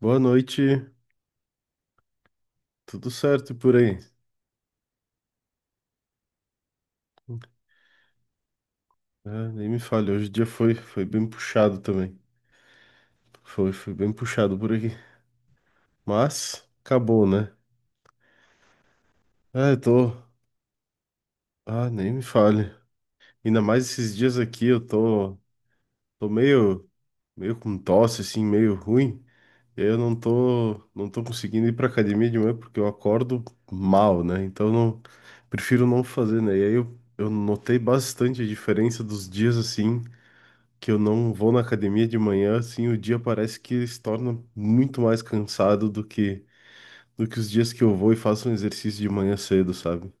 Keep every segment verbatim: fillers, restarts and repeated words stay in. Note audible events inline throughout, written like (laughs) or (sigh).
Boa noite, tudo certo por aí? Ah, nem me fale, hoje o dia foi, foi bem puxado também. Foi, foi bem puxado por aqui. Mas acabou, né? Ah, eu tô. Ah, nem me fale. Ainda mais esses dias aqui eu tô, tô meio, meio com tosse, assim, meio ruim. E aí Eu não tô, não tô conseguindo ir pra academia de manhã porque eu acordo mal, né? Então não, prefiro não fazer, né? E aí eu, eu notei bastante a diferença dos dias assim, que eu não vou na academia de manhã, assim, o dia parece que se torna muito mais cansado do que do que os dias que eu vou e faço um exercício de manhã cedo, sabe?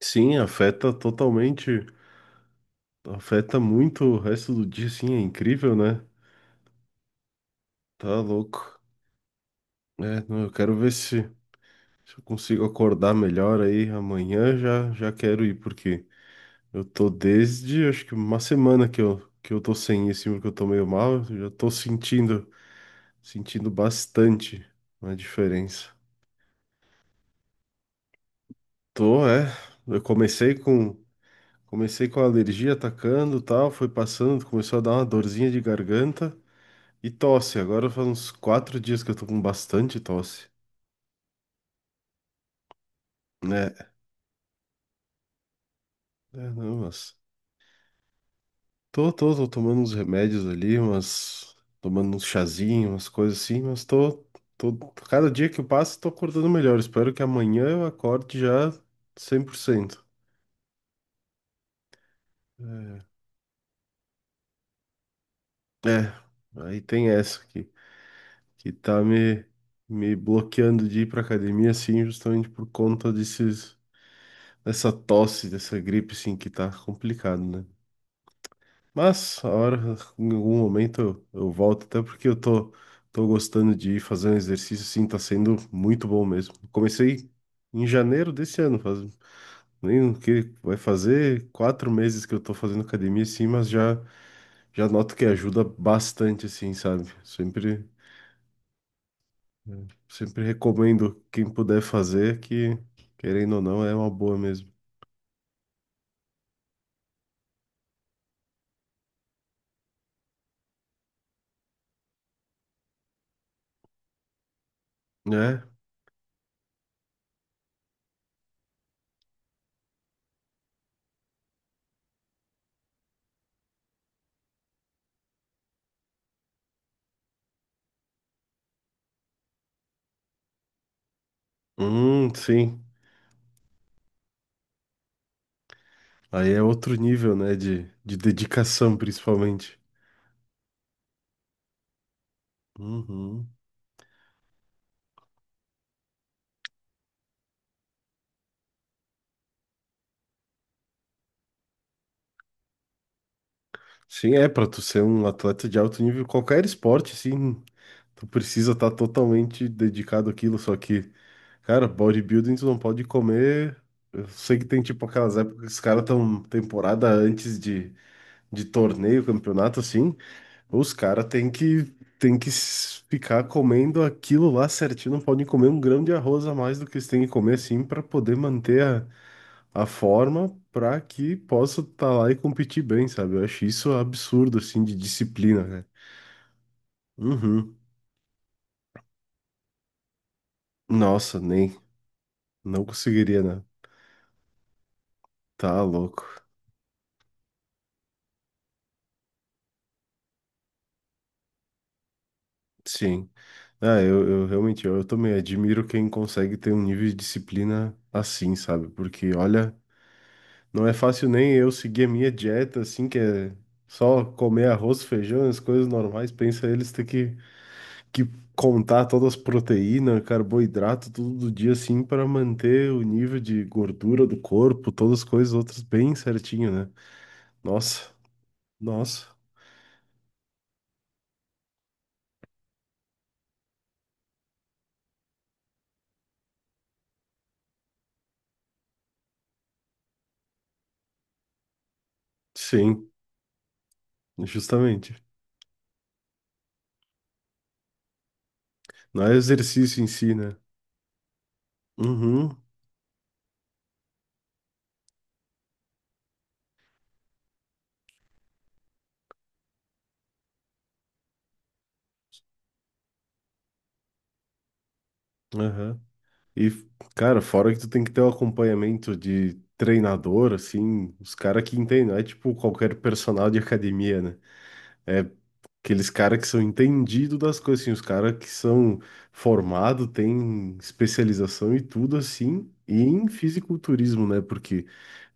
Sim, afeta totalmente, afeta muito o resto do dia, assim, é incrível, né? Tá louco. É, não, eu quero ver se, se eu consigo acordar melhor aí amanhã, já já quero ir, porque eu tô desde, acho que uma semana que eu que eu tô sem isso, porque eu tô meio mal, eu já tô sentindo Sentindo bastante uma diferença. Tô, é. Eu comecei com comecei com a alergia atacando, tal, foi passando, começou a dar uma dorzinha de garganta e tosse. Agora faz uns quatro dias que eu tô com bastante tosse, né? É, não, mas tô, tô, tô tomando uns remédios ali, umas tomando uns chazinhos, umas coisas assim, mas tô, tô cada dia que eu passo tô acordando melhor. Espero que amanhã eu acorde já cem por cento. É, aí tem essa aqui, que tá me, me bloqueando de ir pra academia, assim, justamente por conta desses, dessa tosse, dessa gripe, assim, que tá complicado, né? Mas, a hora, em algum momento eu, eu volto, até porque eu tô, tô gostando de ir fazer um exercício, assim, tá sendo muito bom mesmo. Comecei em janeiro desse ano, faz nem o que vai fazer quatro meses que eu tô fazendo academia, assim, mas já, já noto que ajuda bastante, assim, sabe? Sempre Eu sempre recomendo quem puder fazer, que querendo ou não, é uma boa mesmo. É? Hum, sim. Aí é outro nível, né? De, de dedicação, principalmente. Uhum. Sim, é, pra tu ser um atleta de alto nível, qualquer esporte, sim, tu precisa estar totalmente dedicado àquilo, só que, cara, bodybuilding tu não pode comer. Eu sei que tem tipo aquelas épocas que os caras estão temporada antes de, de torneio, campeonato, assim. Os caras têm que, têm que s- ficar comendo aquilo lá certinho, não podem comer um grão de arroz a mais do que eles têm que comer, assim, para poder manter a, a forma, para que possa estar lá e competir bem, sabe? Eu acho isso absurdo, assim, de disciplina, né? Uhum. Nossa, nem, não conseguiria, né? Tá louco. Sim. Ah, eu, eu realmente, eu, eu também admiro quem consegue ter um nível de disciplina assim, sabe? Porque, olha. Não é fácil nem eu seguir a minha dieta, assim, que é só comer arroz, feijão, as coisas normais. Pensa eles ter que, que contar todas as proteínas, carboidrato, tudo do dia, assim, para manter o nível de gordura do corpo, todas as coisas outras bem certinho, né? Nossa, nossa. Sim, justamente. Não é exercício em si, né? Uhum, aham. E, cara, fora que tu tem que ter o acompanhamento de treinador, assim, os caras que entendem, não é tipo qualquer personal de academia, né? É aqueles caras que são entendidos das coisas, assim, os caras que são formados, têm especialização e tudo assim, e em fisiculturismo, né? Porque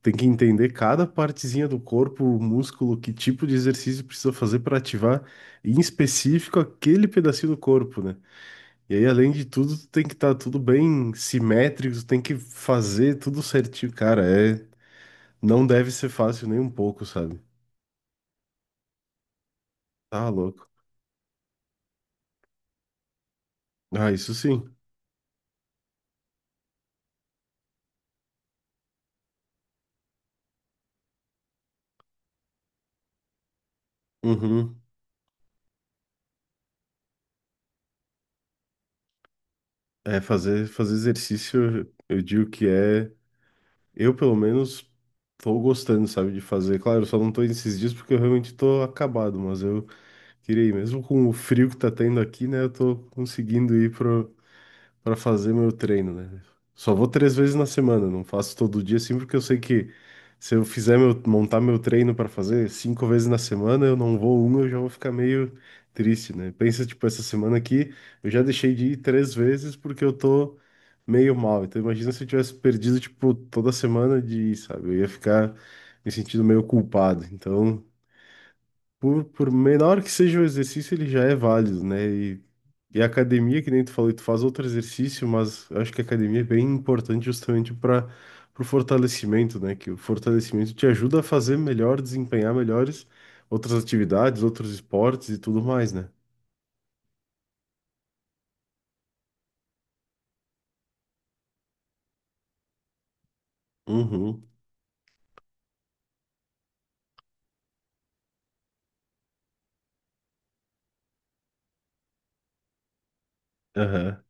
tem que entender cada partezinha do corpo, o músculo, que tipo de exercício precisa fazer para ativar, em específico, aquele pedacinho do corpo, né? E aí, além de tudo, tu tem que estar tudo bem simétrico, tu tem que fazer tudo certinho. Cara, é... não deve ser fácil nem um pouco, sabe? Tá louco. Ah, isso sim. Uhum. É, fazer, fazer exercício, eu eu digo que é. Eu, pelo menos, tô gostando, sabe, de fazer. Claro, eu só não tô indo esses dias porque eu realmente tô acabado, mas eu queria ir. Mesmo com o frio que tá tendo aqui, né, eu tô conseguindo ir pra para fazer meu treino, né? Só vou três vezes na semana, não faço todo dia, assim, porque eu sei que se eu fizer meu, montar meu treino para fazer cinco vezes na semana, eu não vou uma, eu já vou ficar meio triste, né? Pensa, tipo, essa semana aqui, eu já deixei de ir três vezes porque eu tô meio mal. Então imagina se eu tivesse perdido, tipo, toda semana de ir, sabe? Eu ia ficar me sentindo meio culpado. Então por, por menor que seja o exercício, ele já é válido, né? E, e a academia, que nem tu falou, tu faz outro exercício, mas eu acho que a academia é bem importante justamente para o fortalecimento, né? Que o fortalecimento te ajuda a fazer melhor, desempenhar melhores outras atividades, outros esportes e tudo mais, né? Uhum. Aham.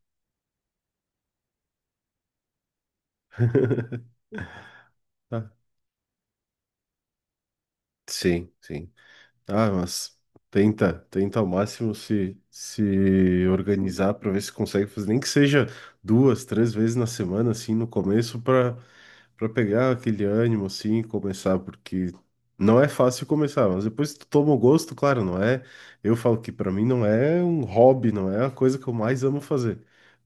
(laughs) Ah, sim, sim. Ah, mas tenta, tenta ao máximo se, se organizar para ver se consegue fazer, nem que seja duas, três vezes na semana, assim, no começo, para para pegar aquele ânimo, assim, e começar, porque não é fácil começar, mas depois tu toma o gosto, claro, não é. Eu falo que para mim não é um hobby, não é a coisa que eu mais amo fazer.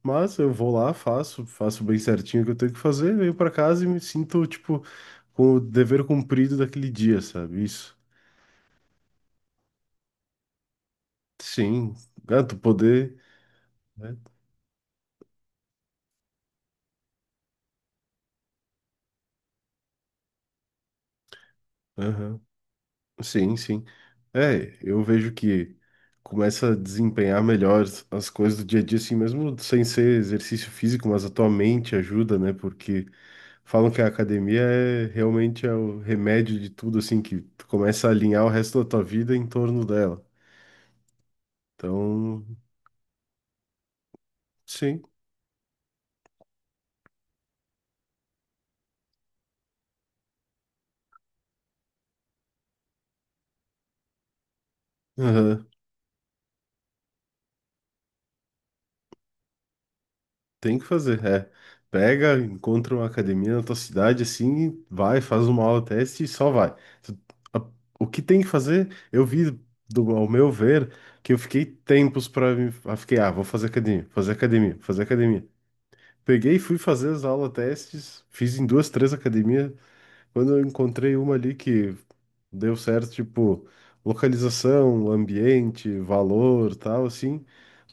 Mas eu vou lá, faço, faço bem certinho o que eu tenho que fazer, venho para casa e me sinto, tipo, com o dever cumprido daquele dia, sabe? Isso. Sim, é, tu poder, né? Aham. Sim, sim. É, eu vejo que começa a desempenhar melhor as as coisas do dia a dia, assim, mesmo sem ser exercício físico, mas a tua mente ajuda, né? Porque falam que a academia é realmente é o remédio de tudo, assim, que tu começa a alinhar o resto da tua vida em torno dela. Então, sim. Aham. Tem que fazer, é. Pega, encontra uma academia na tua cidade, assim, vai, faz uma aula teste e só vai. Tu- a- O que tem que fazer, eu vi, do, ao meu ver, que eu fiquei tempos para me. ah, Fiquei, ah, vou fazer academia, fazer academia, fazer academia. Peguei e fui fazer as aulas testes, fiz em duas, três academias. Quando eu encontrei uma ali que deu certo, tipo, localização, ambiente, valor, tal, assim.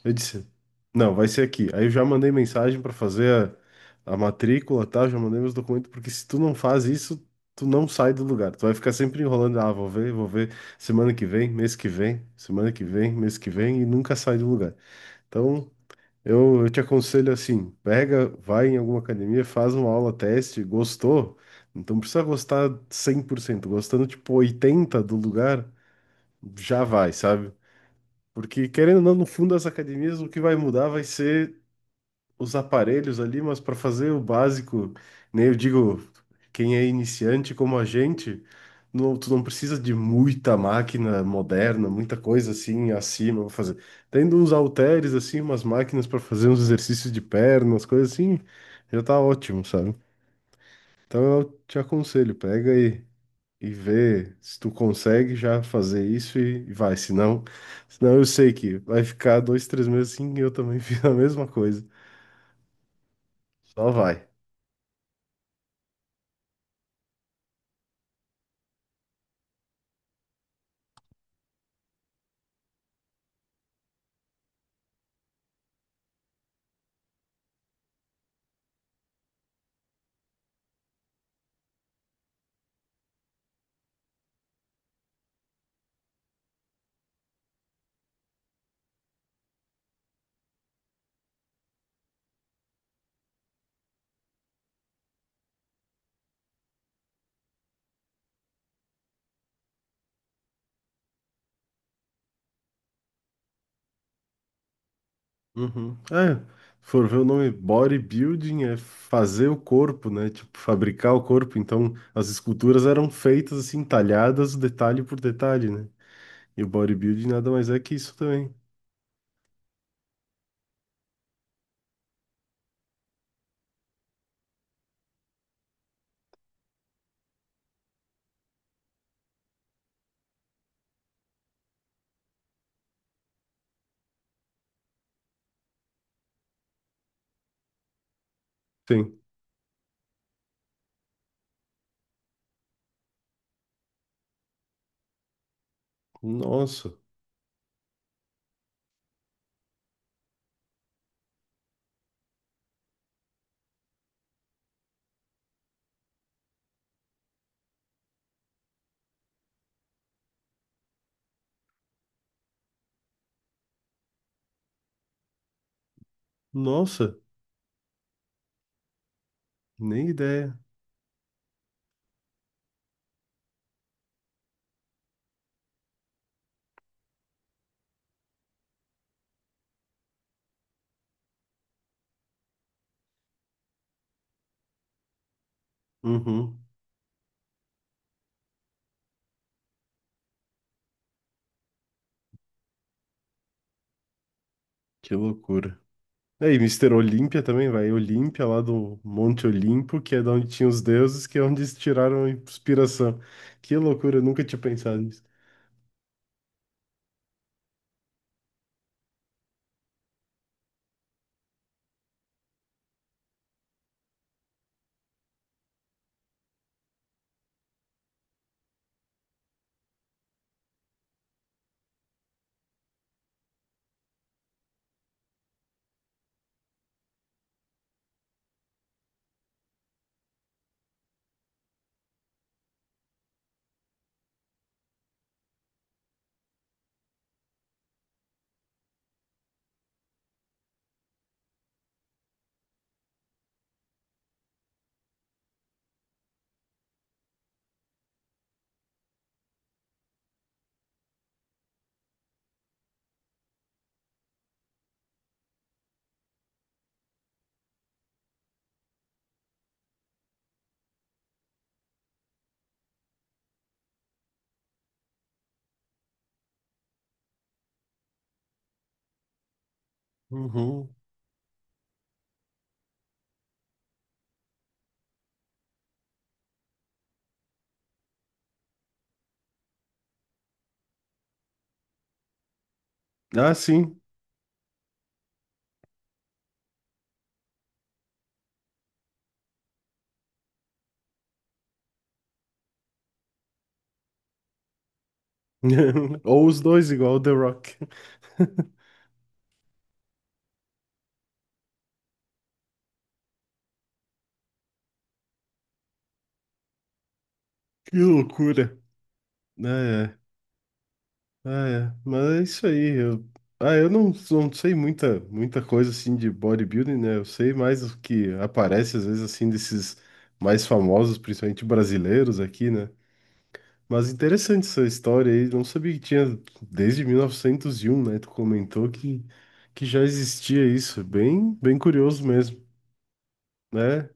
Eu disse, não, vai ser aqui. Aí eu já mandei mensagem para fazer a, a matrícula, tá? Já mandei meus documentos, porque se tu não faz isso, tu não sai do lugar. Tu vai ficar sempre enrolando, ah, vou ver, vou ver semana que vem, mês que vem, semana que vem, mês que vem, e nunca sai do lugar. Então, eu, eu te aconselho assim, pega, vai em alguma academia, faz uma aula teste, gostou? Então, precisa gostar cem por cento. Gostando tipo oitenta do lugar, já vai, sabe? Porque, querendo ou não, no fundo das academias, o que vai mudar vai ser os aparelhos ali, mas para fazer o básico, né? Eu digo, quem é iniciante como a gente, não, tu não precisa de muita máquina moderna, muita coisa assim acima pra fazer. Tendo uns halteres, assim, umas máquinas para fazer uns exercícios de pernas, coisas assim, já tá ótimo, sabe? Então eu te aconselho, pega aí e ver se tu consegue já fazer isso e, e vai. Senão, senão eu sei que vai ficar dois, três meses assim e eu também (laughs) fiz a mesma coisa. Só vai. Uhum. É, se for ver o nome bodybuilding é fazer o corpo, né? Tipo, fabricar o corpo. Então, as esculturas eram feitas assim, talhadas detalhe por detalhe, né? E o bodybuilding nada mais é que isso também. Sim. Nossa, nossa, nem ideia. Uhum. Que loucura. É, e Mister Olímpia também, vai. Olímpia, lá do Monte Olimpo, que é de onde tinha os deuses, que é onde eles tiraram a inspiração. Que loucura, eu nunca tinha pensado nisso. Uhum. Ah, sim. (laughs) Ou os dois, igual o The Rock. (laughs) Que loucura. É, é, ah, é. Mas é isso aí. Eu... Ah, eu não, não sei muita, muita coisa assim de bodybuilding, né? Eu sei mais o que aparece às vezes assim desses mais famosos, principalmente brasileiros aqui, né? Mas interessante essa história aí. Não sabia que tinha desde mil novecentos e um, né? Tu comentou que, que já existia isso. Bem, bem curioso mesmo, né?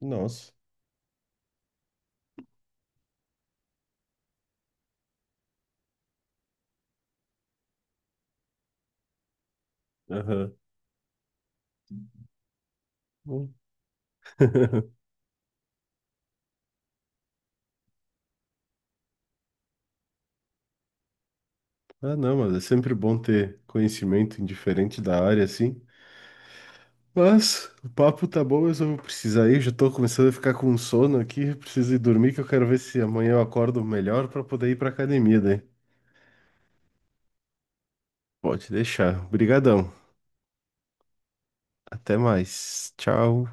Nossa. Aham. Bom. (laughs) Ah, não, mas é sempre bom ter conhecimento indiferente da área, assim. Mas o papo tá bom, mas eu vou precisar ir. Já tô começando a ficar com sono aqui. Eu Preciso ir dormir, que eu quero ver se amanhã eu acordo melhor para poder ir pra academia daí. Pode deixar. Obrigadão. Até mais. Tchau.